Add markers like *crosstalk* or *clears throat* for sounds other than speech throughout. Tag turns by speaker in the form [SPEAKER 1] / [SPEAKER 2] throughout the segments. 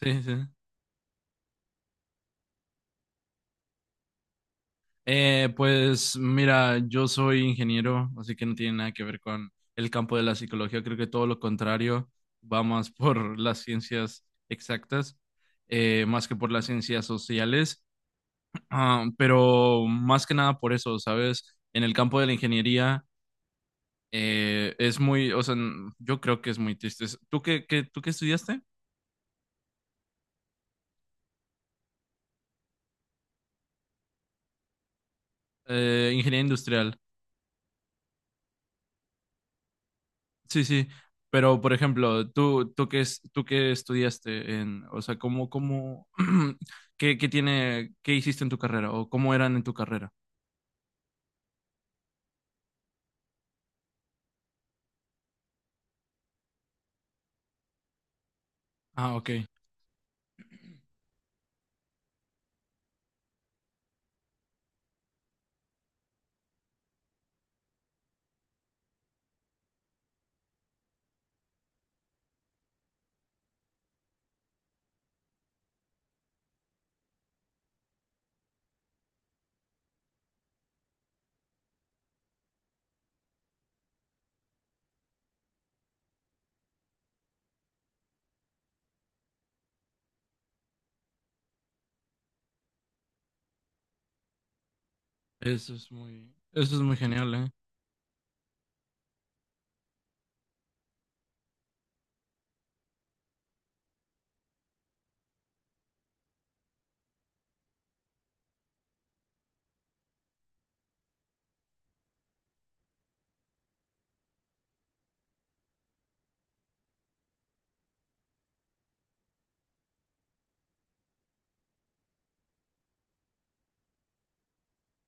[SPEAKER 1] Sí, sí. Pues mira, yo soy ingeniero, así que no tiene nada que ver con el campo de la psicología. Creo que todo lo contrario, va más *laughs* por las ciencias exactas, más que por las ciencias sociales. Ah, pero más que nada por eso, ¿sabes? En el campo de la ingeniería es muy, o sea, yo creo que es muy triste. ¿Tú qué, tú qué estudiaste? Ingeniería industrial. Sí, sí, pero por ejemplo, tú qué es, tú qué estudiaste en, o sea, cómo, *clears throat* qué tiene, qué hiciste en tu carrera o cómo eran en tu carrera. Ah, ok. Eso es muy genial, ¿eh?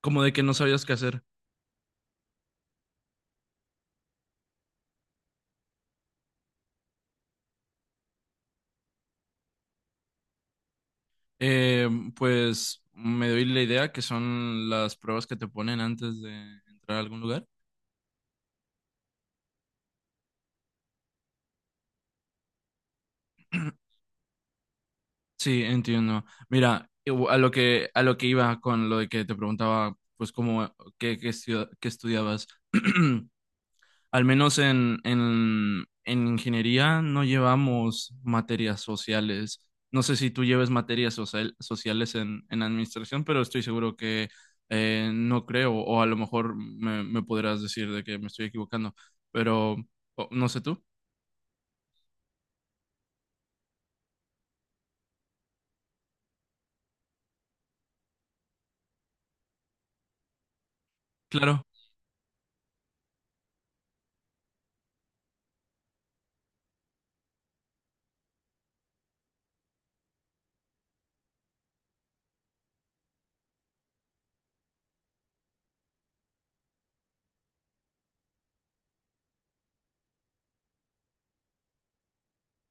[SPEAKER 1] Como de que no sabías qué hacer. Eh, pues me doy la idea que son las pruebas que te ponen antes de entrar a algún lugar. Sí, entiendo. Mira, a lo que iba con lo de que te preguntaba, pues cómo, qué, qué estudiabas. *clears throat* Al menos en ingeniería no llevamos materias sociales. No sé si tú lleves materias sociales en administración, pero estoy seguro que no creo, o a lo mejor me podrás decir de que me estoy equivocando, pero no sé tú. Claro.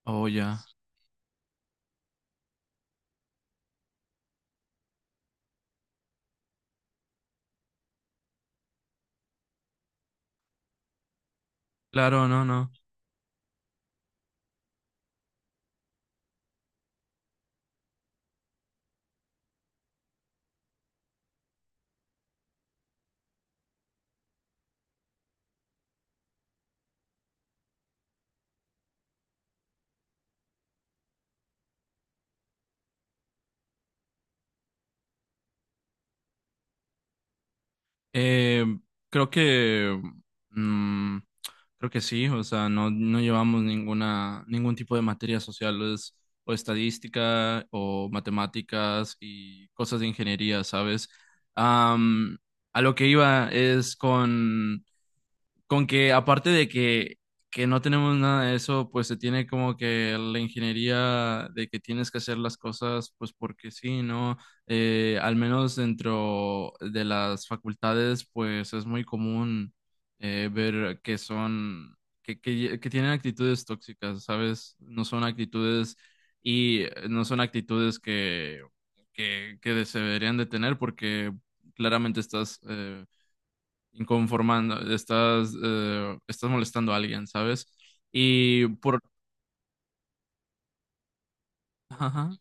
[SPEAKER 1] Oh, ya. Claro, no, no. Eh, Creo que mm, creo que sí, o sea, no, no llevamos ninguna, ningún tipo de materias sociales o estadística o matemáticas y cosas de ingeniería, ¿sabes? Am, a lo que iba es con que aparte de que no tenemos nada de eso, pues se tiene como que la ingeniería de que tienes que hacer las cosas, pues porque sí, ¿no? Al menos dentro de las facultades, pues es muy común ver que son, que tienen actitudes tóxicas, ¿sabes? No son actitudes y no son actitudes que se deberían de tener porque claramente estás inconformando, estás, estás molestando a alguien, ¿sabes? Y por... ajá.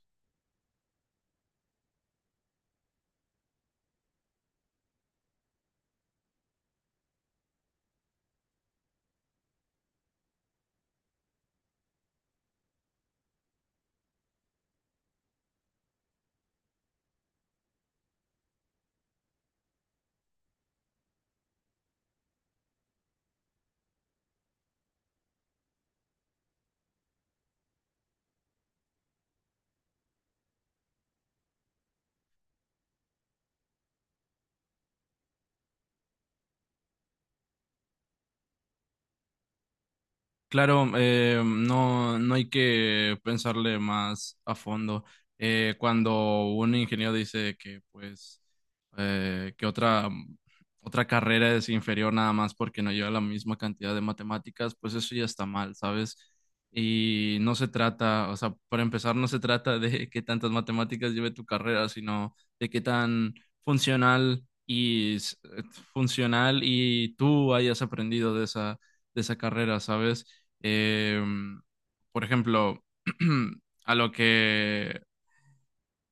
[SPEAKER 1] Claro, no, no hay que pensarle más a fondo. Cuando un ingeniero dice que, pues, eh, que otra, otra carrera es inferior nada más porque no lleva la misma cantidad de matemáticas, pues eso ya está mal, ¿sabes? Y no se trata, o sea, para empezar, no se trata de qué tantas matemáticas lleve tu carrera, sino de qué tan funcional y funcional y tú hayas aprendido de esa carrera, ¿sabes? Em, por ejemplo, *clears throat* a lo que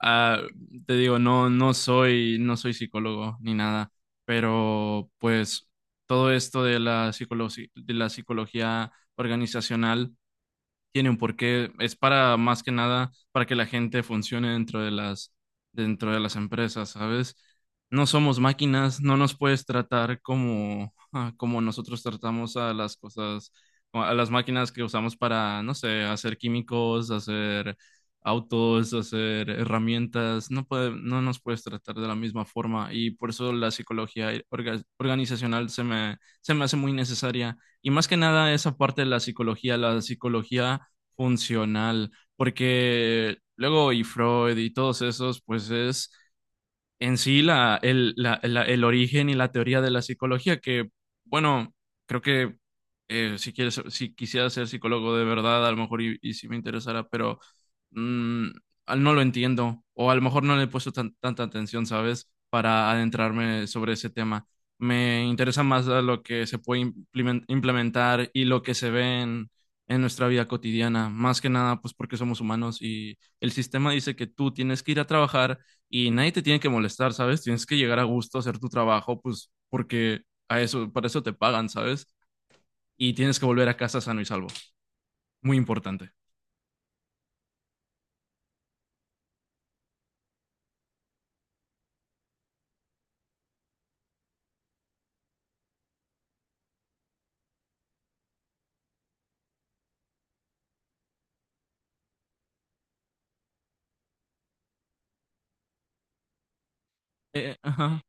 [SPEAKER 1] ah, te digo, no, no soy, no soy psicólogo ni nada, pero pues todo esto de la de la psicología organizacional tiene un porqué. Es para más que nada para que la gente funcione dentro de las empresas, ¿sabes? No somos máquinas, no nos puedes tratar como, ah, como nosotros tratamos a las cosas, a las máquinas que usamos para, no sé, hacer químicos, hacer autos, hacer herramientas, no nos puedes tratar de la misma forma y por eso la psicología organizacional se me hace muy necesaria. Y más que nada esa parte de la psicología funcional, porque luego y Freud y todos esos, pues es en sí la, el, la- la- el origen y la teoría de la psicología, que bueno, creo que si quieres, si quisiera ser psicólogo de verdad, a lo mejor y si me interesara, pero mm, no lo entiendo, o a lo mejor no le he puesto tanta atención, ¿sabes? Para adentrarme sobre ese tema. Me interesa más a lo que se puede implementar y lo que se ve en nuestra vida cotidiana, más que nada, pues porque somos humanos y el sistema dice que tú tienes que ir a trabajar y nadie te tiene que molestar, ¿sabes? Tienes que llegar a gusto a hacer tu trabajo, pues porque a eso, para eso te pagan, ¿sabes? Y tienes que volver a casa sano y salvo. Muy importante. Ajá.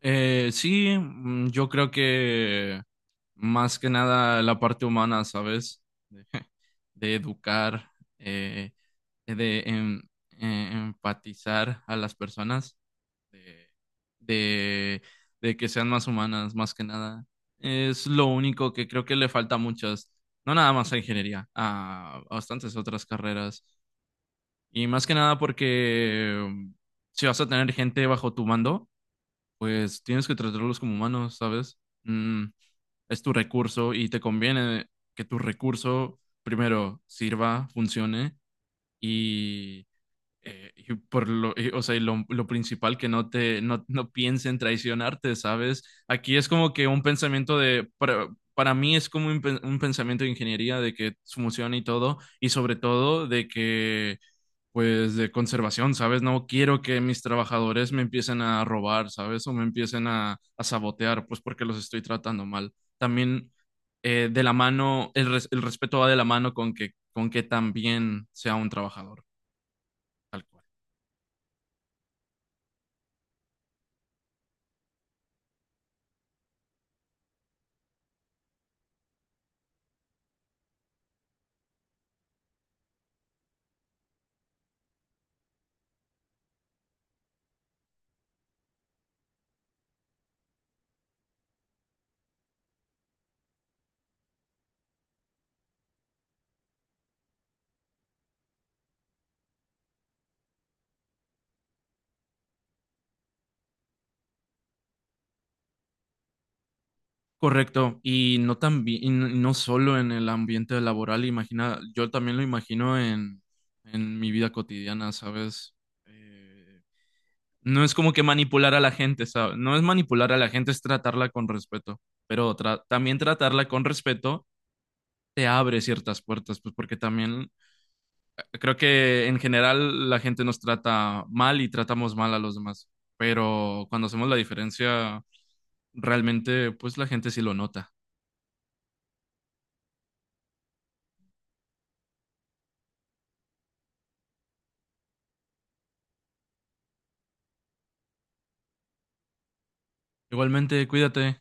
[SPEAKER 1] Sí, yo creo que más que nada la parte humana, ¿sabes? De, de educar, eh, de empatizar a las personas. de, de de que sean más humanas, más que nada. Es lo único que creo que le falta a muchas, no nada más a ingeniería, a bastantes otras carreras. Y más que nada porque si vas a tener gente bajo tu mando, pues tienes que tratarlos como humanos, ¿sabes? Mm, es tu recurso y te conviene que tu recurso primero sirva, funcione y o sea, y lo principal que no te, no, no piensen traicionarte, ¿sabes? Aquí es como que un pensamiento de, para mí es como un, un pensamiento de ingeniería de que funciona y todo, y sobre todo de que, pues, de conservación, ¿sabes? No quiero que mis trabajadores me empiecen a robar, ¿sabes? O me empiecen a sabotear, pues porque los estoy tratando mal. También de la mano, el, res- el respeto va de la mano con que también sea un trabajador, tal cual. Correcto, y no también, y no solo en el ambiente laboral, imagina, yo también lo imagino en mi vida cotidiana, ¿sabes? Eh, no es como que manipular a la gente, ¿sabes? No es manipular a la gente, es tratarla con respeto, pero también tratarla con respeto te abre ciertas puertas, pues porque también creo que en general la gente nos trata mal y tratamos mal a los demás, pero cuando hacemos la diferencia, realmente, pues la gente sí lo nota. Igualmente, cuídate.